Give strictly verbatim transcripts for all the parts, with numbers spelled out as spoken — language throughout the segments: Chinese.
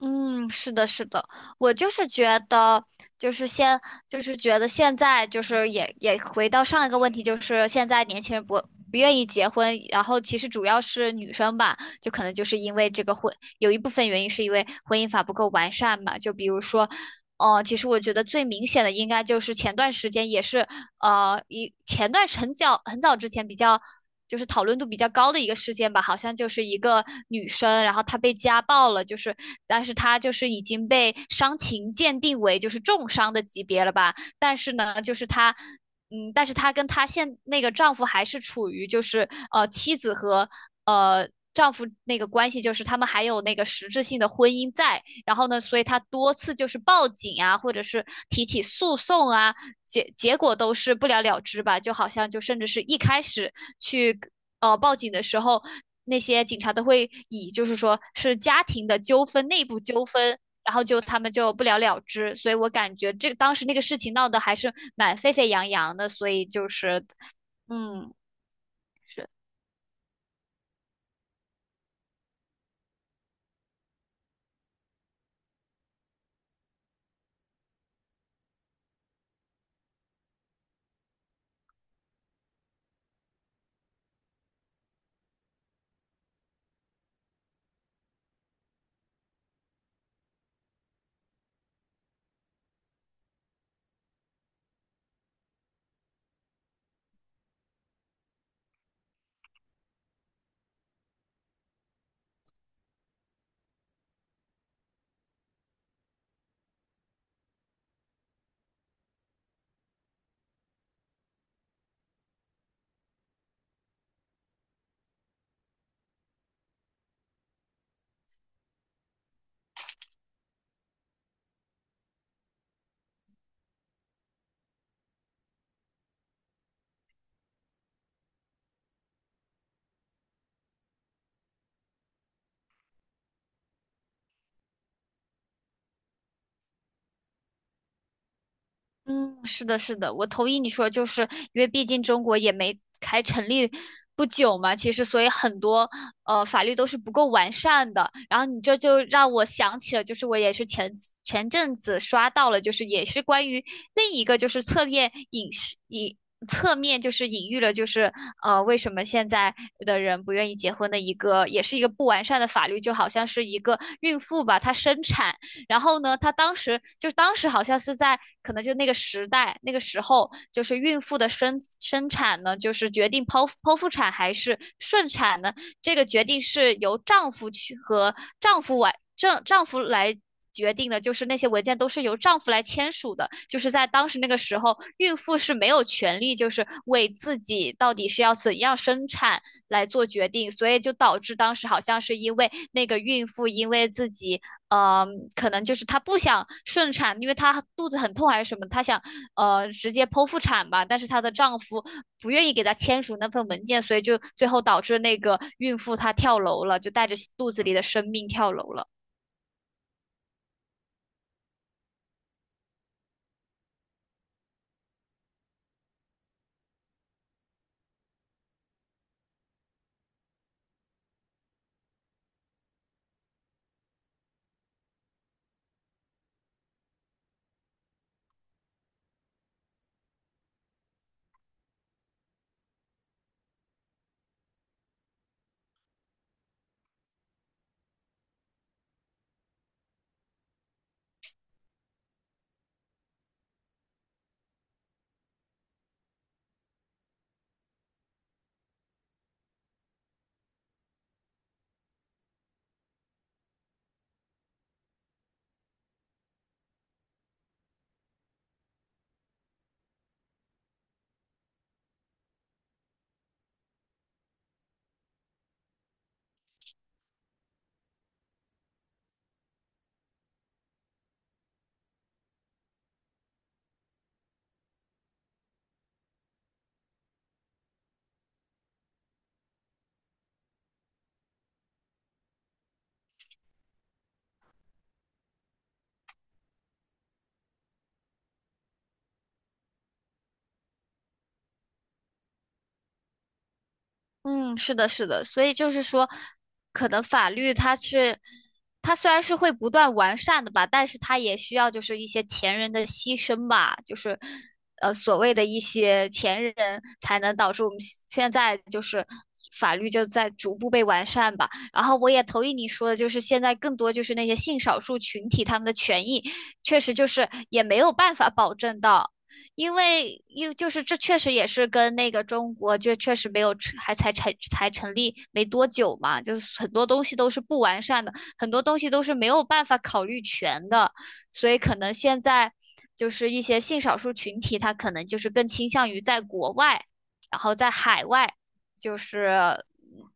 嗯，是的，是的，我就是觉得，就是现，就是觉得现在，就是也也回到上一个问题，就是现在年轻人不不愿意结婚。然后其实主要是女生吧，就可能就是因为这个婚，有一部分原因是因为婚姻法不够完善嘛。就比如说，哦，其实我觉得最明显的应该就是前段时间也是。呃，一前段很早很早之前比较。就是讨论度比较高的一个事件吧，好像就是一个女生，然后她被家暴了，就是，但是她就是已经被伤情鉴定为就是重伤的级别了吧。但是呢，就是她，嗯，但是她跟她现那个丈夫还是处于就是呃妻子和呃。丈夫那个关系。就是他们还有那个实质性的婚姻在。然后呢，所以她多次就是报警啊，或者是提起诉讼啊，结结果都是不了了之吧。就好像就甚至是一开始去呃报警的时候，那些警察都会以就是说是家庭的纠纷、内部纠纷，然后就他们就不了了之。所以我感觉这当时那个事情闹得还是蛮沸沸扬扬的。所以就是嗯。是。嗯，是的，是的，我同意你说，就是因为毕竟中国也没才成立不久嘛。其实所以很多呃法律都是不够完善的。然后你这就让我想起了，就是我也是前前阵子刷到了，就是也是关于另一个就是侧面隐示隐侧面就是隐喻了，就是呃为什么现在的人不愿意结婚的一个，也是一个不完善的法律。就好像是一个孕妇吧，她生产。然后呢，她当时就当时好像是在可能就那个时代那个时候，就是孕妇的生生产呢，就是决定剖剖腹产还是顺产呢，这个决定是由丈夫去和丈夫完丈丈夫来。决定的。就是那些文件都是由丈夫来签署的，就是在当时那个时候，孕妇是没有权利就是为自己到底是要怎样生产来做决定。所以就导致当时好像是因为那个孕妇因为自己呃，可能就是她不想顺产，因为她肚子很痛还是什么。她想呃直接剖腹产吧，但是她的丈夫不愿意给她签署那份文件。所以就最后导致那个孕妇她跳楼了，就带着肚子里的生命跳楼了。嗯，是的，是的，所以就是说，可能法律它是，它虽然是会不断完善的吧，但是它也需要就是一些前人的牺牲吧。就是，呃，所谓的一些前人才能导致我们现现在就是法律就在逐步被完善吧。然后我也同意你说的，就是现在更多就是那些性少数群体他们的权益，确实就是也没有办法保证到。因为因就是这确实也是跟那个中国就确实没有成还才成才成立没多久嘛。就是很多东西都是不完善的，很多东西都是没有办法考虑全的。所以可能现在就是一些性少数群体，他可能就是更倾向于在国外，然后在海外，就是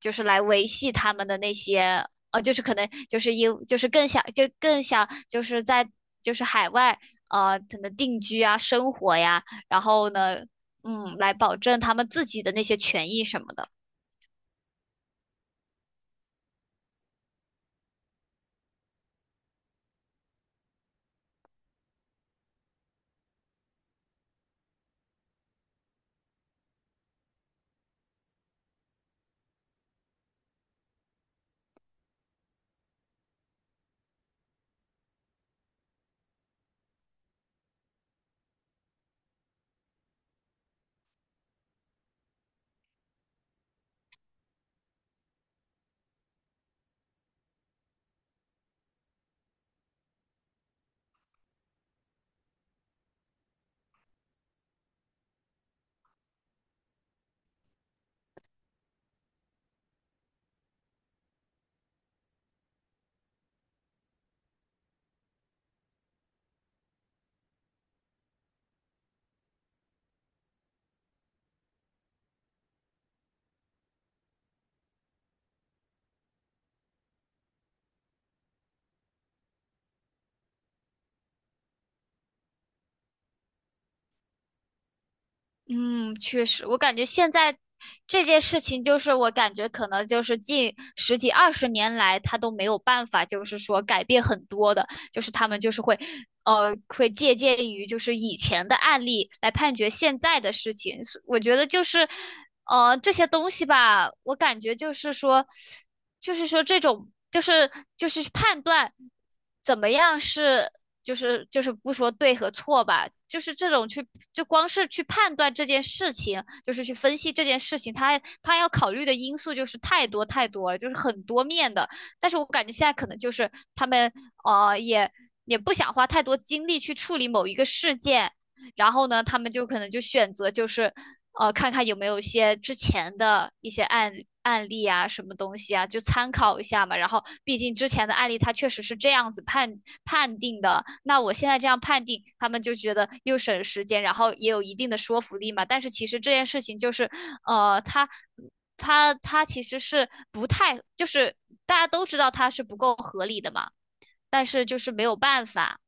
就是来维系他们的那些。呃，就是可能就是因就是更想就更想就是在就是海外，呃可能定居啊、生活呀。然后呢，嗯，来保证他们自己的那些权益什么的。嗯，确实，我感觉现在这件事情，就是我感觉可能就是近十几二十年来，他都没有办法，就是说改变很多的。就是他们就是会，呃，会借鉴于就是以前的案例来判决现在的事情。所我觉得就是，呃，这些东西吧，我感觉就是说，就是说这种就是就是判断怎么样是。就是就是不说对和错吧，就是这种去就光是去判断这件事情，就是去分析这件事情，他他要考虑的因素就是太多太多了，就是很多面的。但是我感觉现在可能就是他们呃也也不想花太多精力去处理某一个事件。然后呢，他们就可能就选择就是呃看看有没有一些之前的一些案案例啊，什么东西啊，就参考一下嘛。然后毕竟之前的案例它确实是这样子判判定的，那我现在这样判定，他们就觉得又省时间，然后也有一定的说服力嘛。但是其实这件事情就是呃，他。他他其实是不太，就是大家都知道他是不够合理的嘛。但是就是没有办法，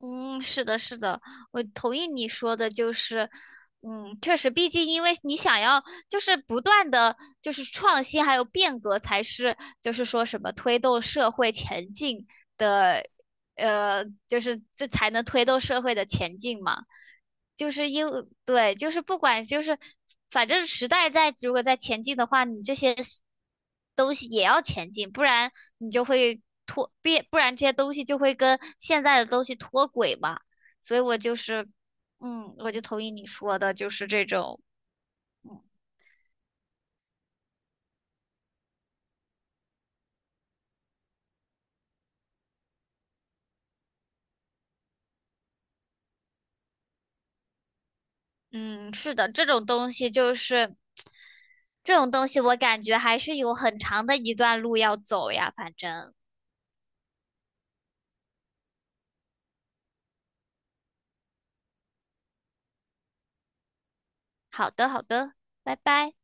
嗯，是的，是的，我同意你说的，就是，嗯，确实，毕竟因为你想要就是不断的就是创新还有变革，才是就是说什么推动社会前进的，呃，就是这才能推动社会的前进嘛。就是因为对，就是不管就是反正时代在如果在前进的话，你这些 s- 东西也要前进。不然你就会脱变，不然这些东西就会跟现在的东西脱轨嘛。所以我就是，嗯，我就同意你说的，就是这种，嗯，嗯是的，这种东西就是这种东西，我感觉还是有很长的一段路要走呀。反正好的，好的，拜拜。